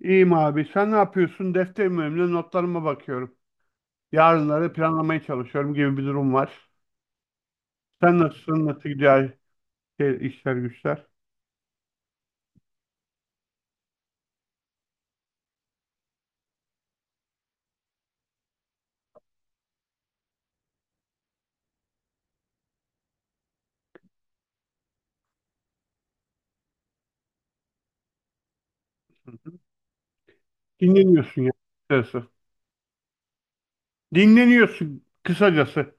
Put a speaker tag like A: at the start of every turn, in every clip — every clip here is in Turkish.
A: İyiyim abi. Sen ne yapıyorsun? Defterim önümde, notlarıma bakıyorum. Yarınları planlamaya çalışıyorum gibi bir durum var. Sen nasılsın? Nasıl gidiyor işler güçler? Hı hı. Dinleniyorsun ya. Açıkçası. Dinleniyorsun kısacası.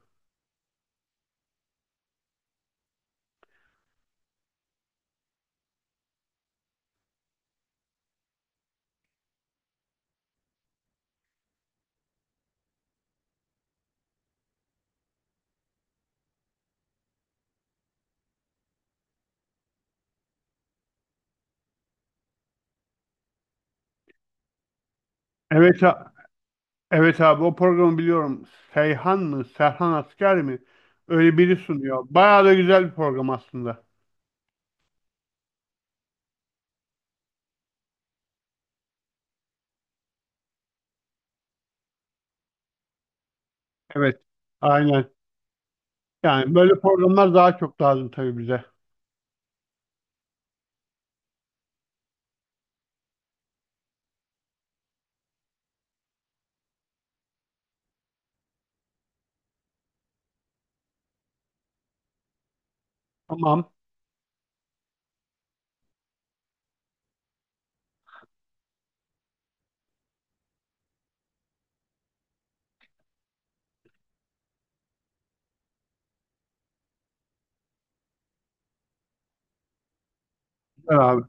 A: Evet, evet abi, o programı biliyorum. Seyhan mı? Serhan Asker mi? Öyle biri sunuyor. Bayağı da güzel bir program aslında. Evet. Aynen. Yani böyle programlar daha çok lazım tabii bize. Tamam. Güzel abi.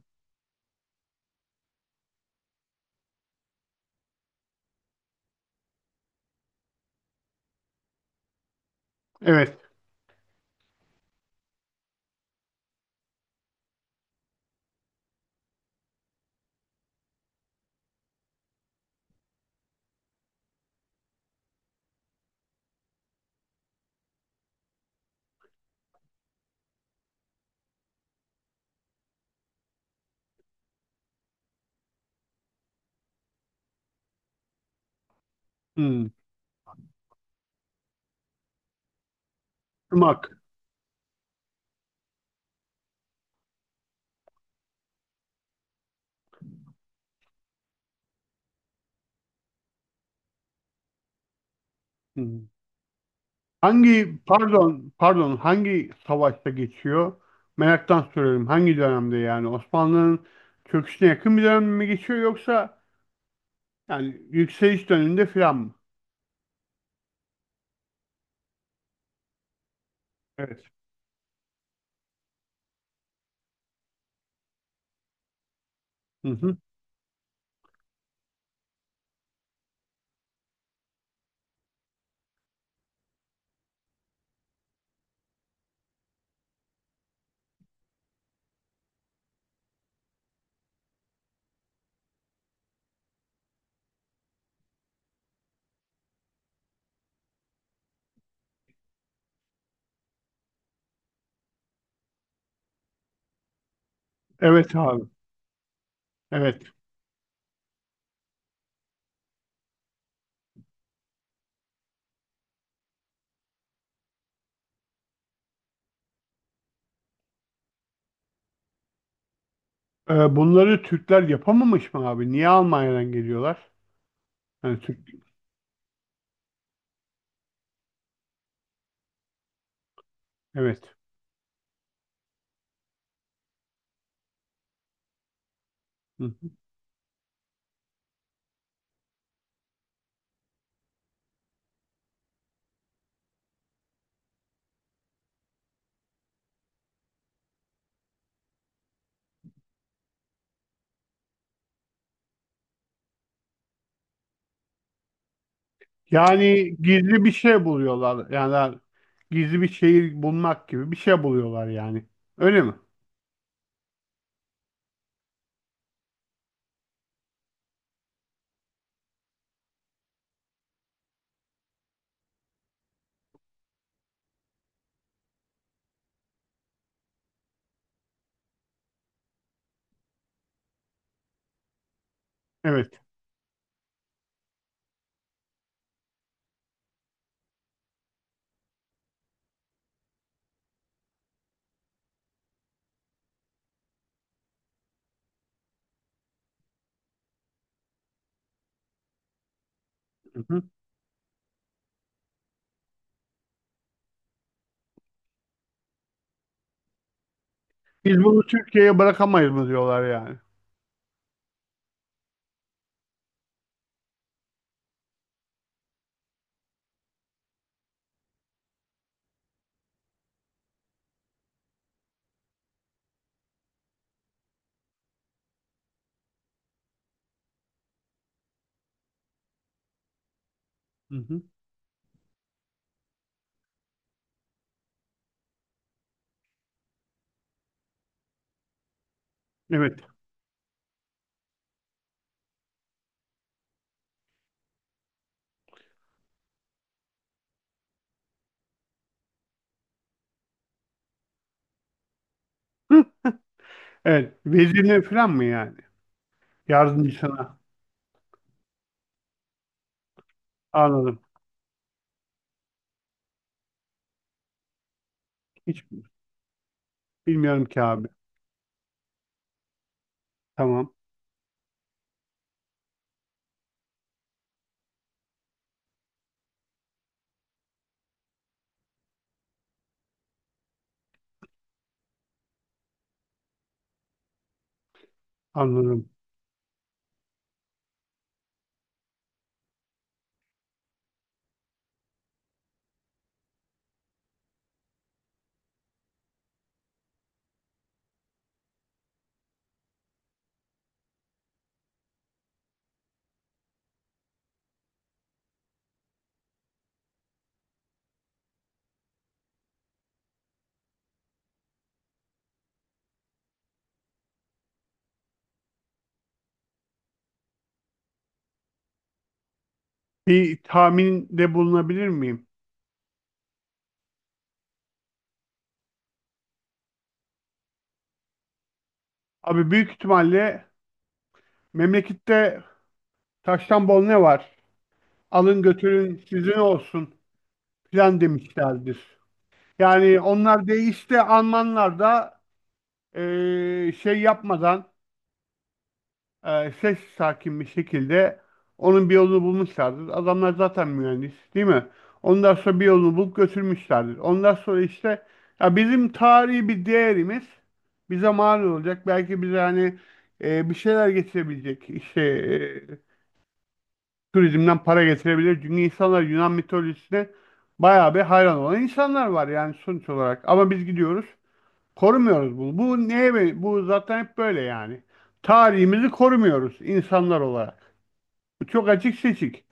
A: Evet. Hmm. Irmak. Hmm. Pardon, pardon, hangi savaşta geçiyor? Meraktan soruyorum. Hangi dönemde yani? Osmanlı'nın çöküşüne yakın bir dönem mi geçiyor, yoksa yani yükseliş döneminde filan mı? Evet. Hı hı. Evet abi. Evet. Bunları Türkler yapamamış mı abi? Niye Almanya'dan geliyorlar? Yani Türk. Evet. Hı hı. Yani gizli bir şey buluyorlar. Yani gizli bir şehir bulmak gibi bir şey buluyorlar yani. Öyle mi? Evet. Hı hı. Biz bunu Türkiye'ye bırakamayız mı diyorlar yani. Hı hı. Evet. Hı. Evet. Vezirine falan mı yani? Yardımcısına. Anladım. Hiç bilmiyorum ki abi. Tamam. Anladım. Bir tahminde bulunabilir miyim? Abi, büyük ihtimalle memlekette taştan bol ne var? Alın götürün sizin olsun filan demişlerdir. Yani onlar değişti, Almanlar da yapmadan, ses sakin bir şekilde onun bir yolunu bulmuşlardır. Adamlar zaten mühendis değil mi? Ondan sonra bir yolunu bulup götürmüşlerdir. Ondan sonra işte, ya, bizim tarihi bir değerimiz bize mal olacak. Belki bize hani bir şeyler getirebilecek. İşte turizmden para getirebilir. Çünkü insanlar Yunan mitolojisine bayağı bir hayran olan insanlar var yani, sonuç olarak. Ama biz gidiyoruz, korumuyoruz bunu. Bu zaten hep böyle yani. Tarihimizi korumuyoruz insanlar olarak. Bu çok açık seçik.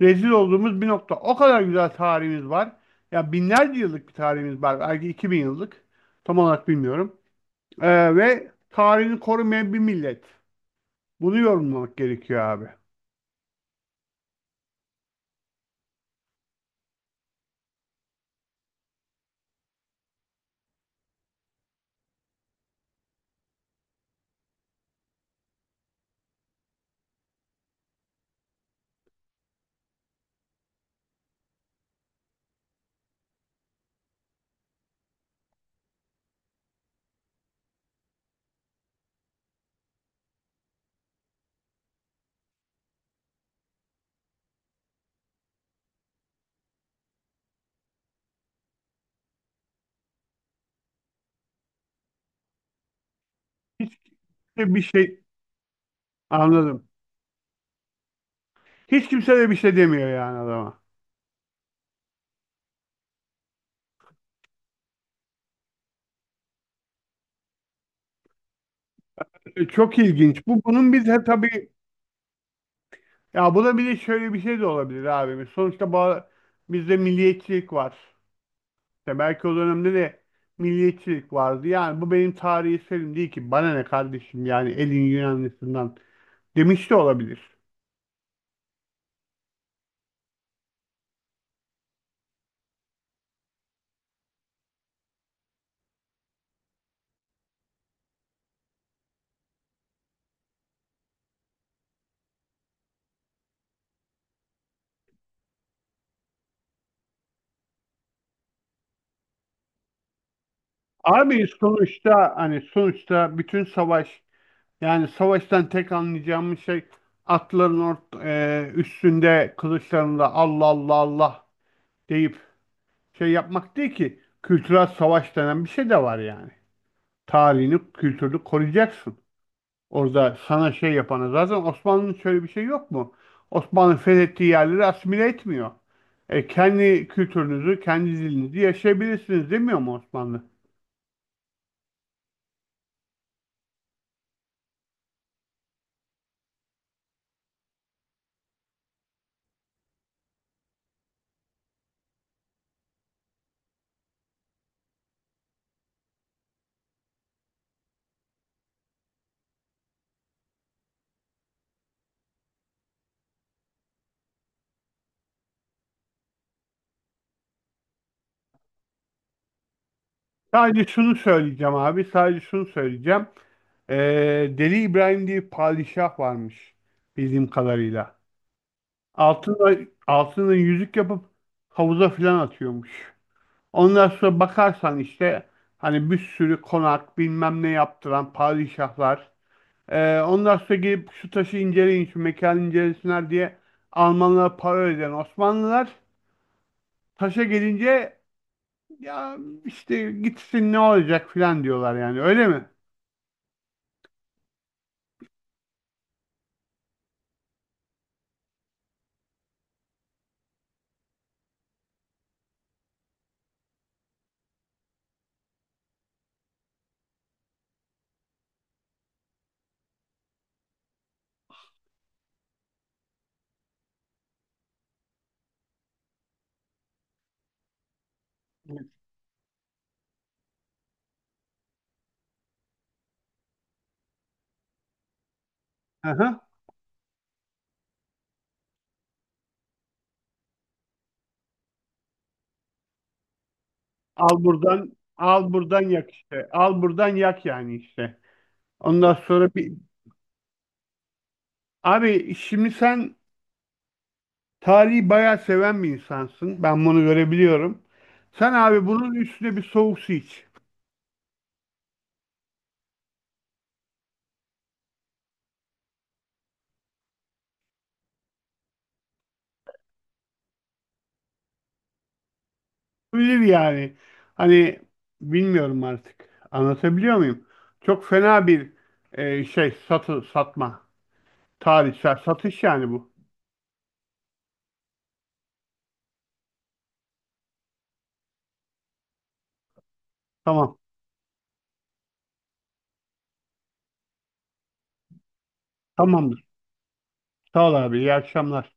A: Rezil olduğumuz bir nokta. O kadar güzel tarihimiz var. Ya, binlerce yıllık bir tarihimiz var. Belki 2.000 yıllık. Tam olarak bilmiyorum. Ve tarihini korumayan bir millet. Bunu yorumlamak gerekiyor abi. Hiç kimse bir şey Anladım. Hiç kimse de bir şey demiyor yani adama. Çok ilginç. Bu bunun bize tabii Ya, bu da, bir de şöyle bir şey de olabilir abi. Sonuçta bizde milliyetçilik var. İşte belki o dönemde de milliyetçilik vardı. Yani bu benim tarihi eserim değil ki. Bana ne kardeşim yani, elin Yunanlısından, demiş de olabilir. Abi sonuçta hani sonuçta bütün savaş yani savaştan tek anlayacağımız şey atların üstünde, kılıçlarında Allah Allah Allah deyip şey yapmak değil ki; kültürel savaş denen bir şey de var yani. Tarihini, kültürünü koruyacaksın. Orada sana şey yapana zaten, Osmanlı'nın şöyle bir şey yok mu? Osmanlı fethettiği yerleri asimile etmiyor. Kendi kültürünüzü, kendi dilinizi yaşayabilirsiniz demiyor mu Osmanlı? Sadece şunu söyleyeceğim abi, sadece şunu söyleyeceğim. E, Deli İbrahim diye bir padişah varmış bildiğim kadarıyla. Altına, altına yüzük yapıp havuza filan atıyormuş. Ondan sonra bakarsan işte hani bir sürü konak bilmem ne yaptıran padişahlar. Ondan sonra gelip şu taşı inceleyin, şu mekanı incelesinler diye Almanlara para öden Osmanlılar. Taşa gelince ya, işte gitsin ne olacak filan diyorlar yani, öyle mi? Aha. Al buradan, al buradan yak işte. Al buradan yak yani işte. Ondan sonra bir abi, şimdi sen tarihi bayağı seven bir insansın. Ben bunu görebiliyorum. Sen abi bunun üstüne bir soğuk su iç. Bilir yani. Hani, bilmiyorum artık. Anlatabiliyor muyum? Çok fena bir şey, satma. Tarihsel satış yani bu. Tamam. Tamamdır. Sağ ol abi. İyi akşamlar.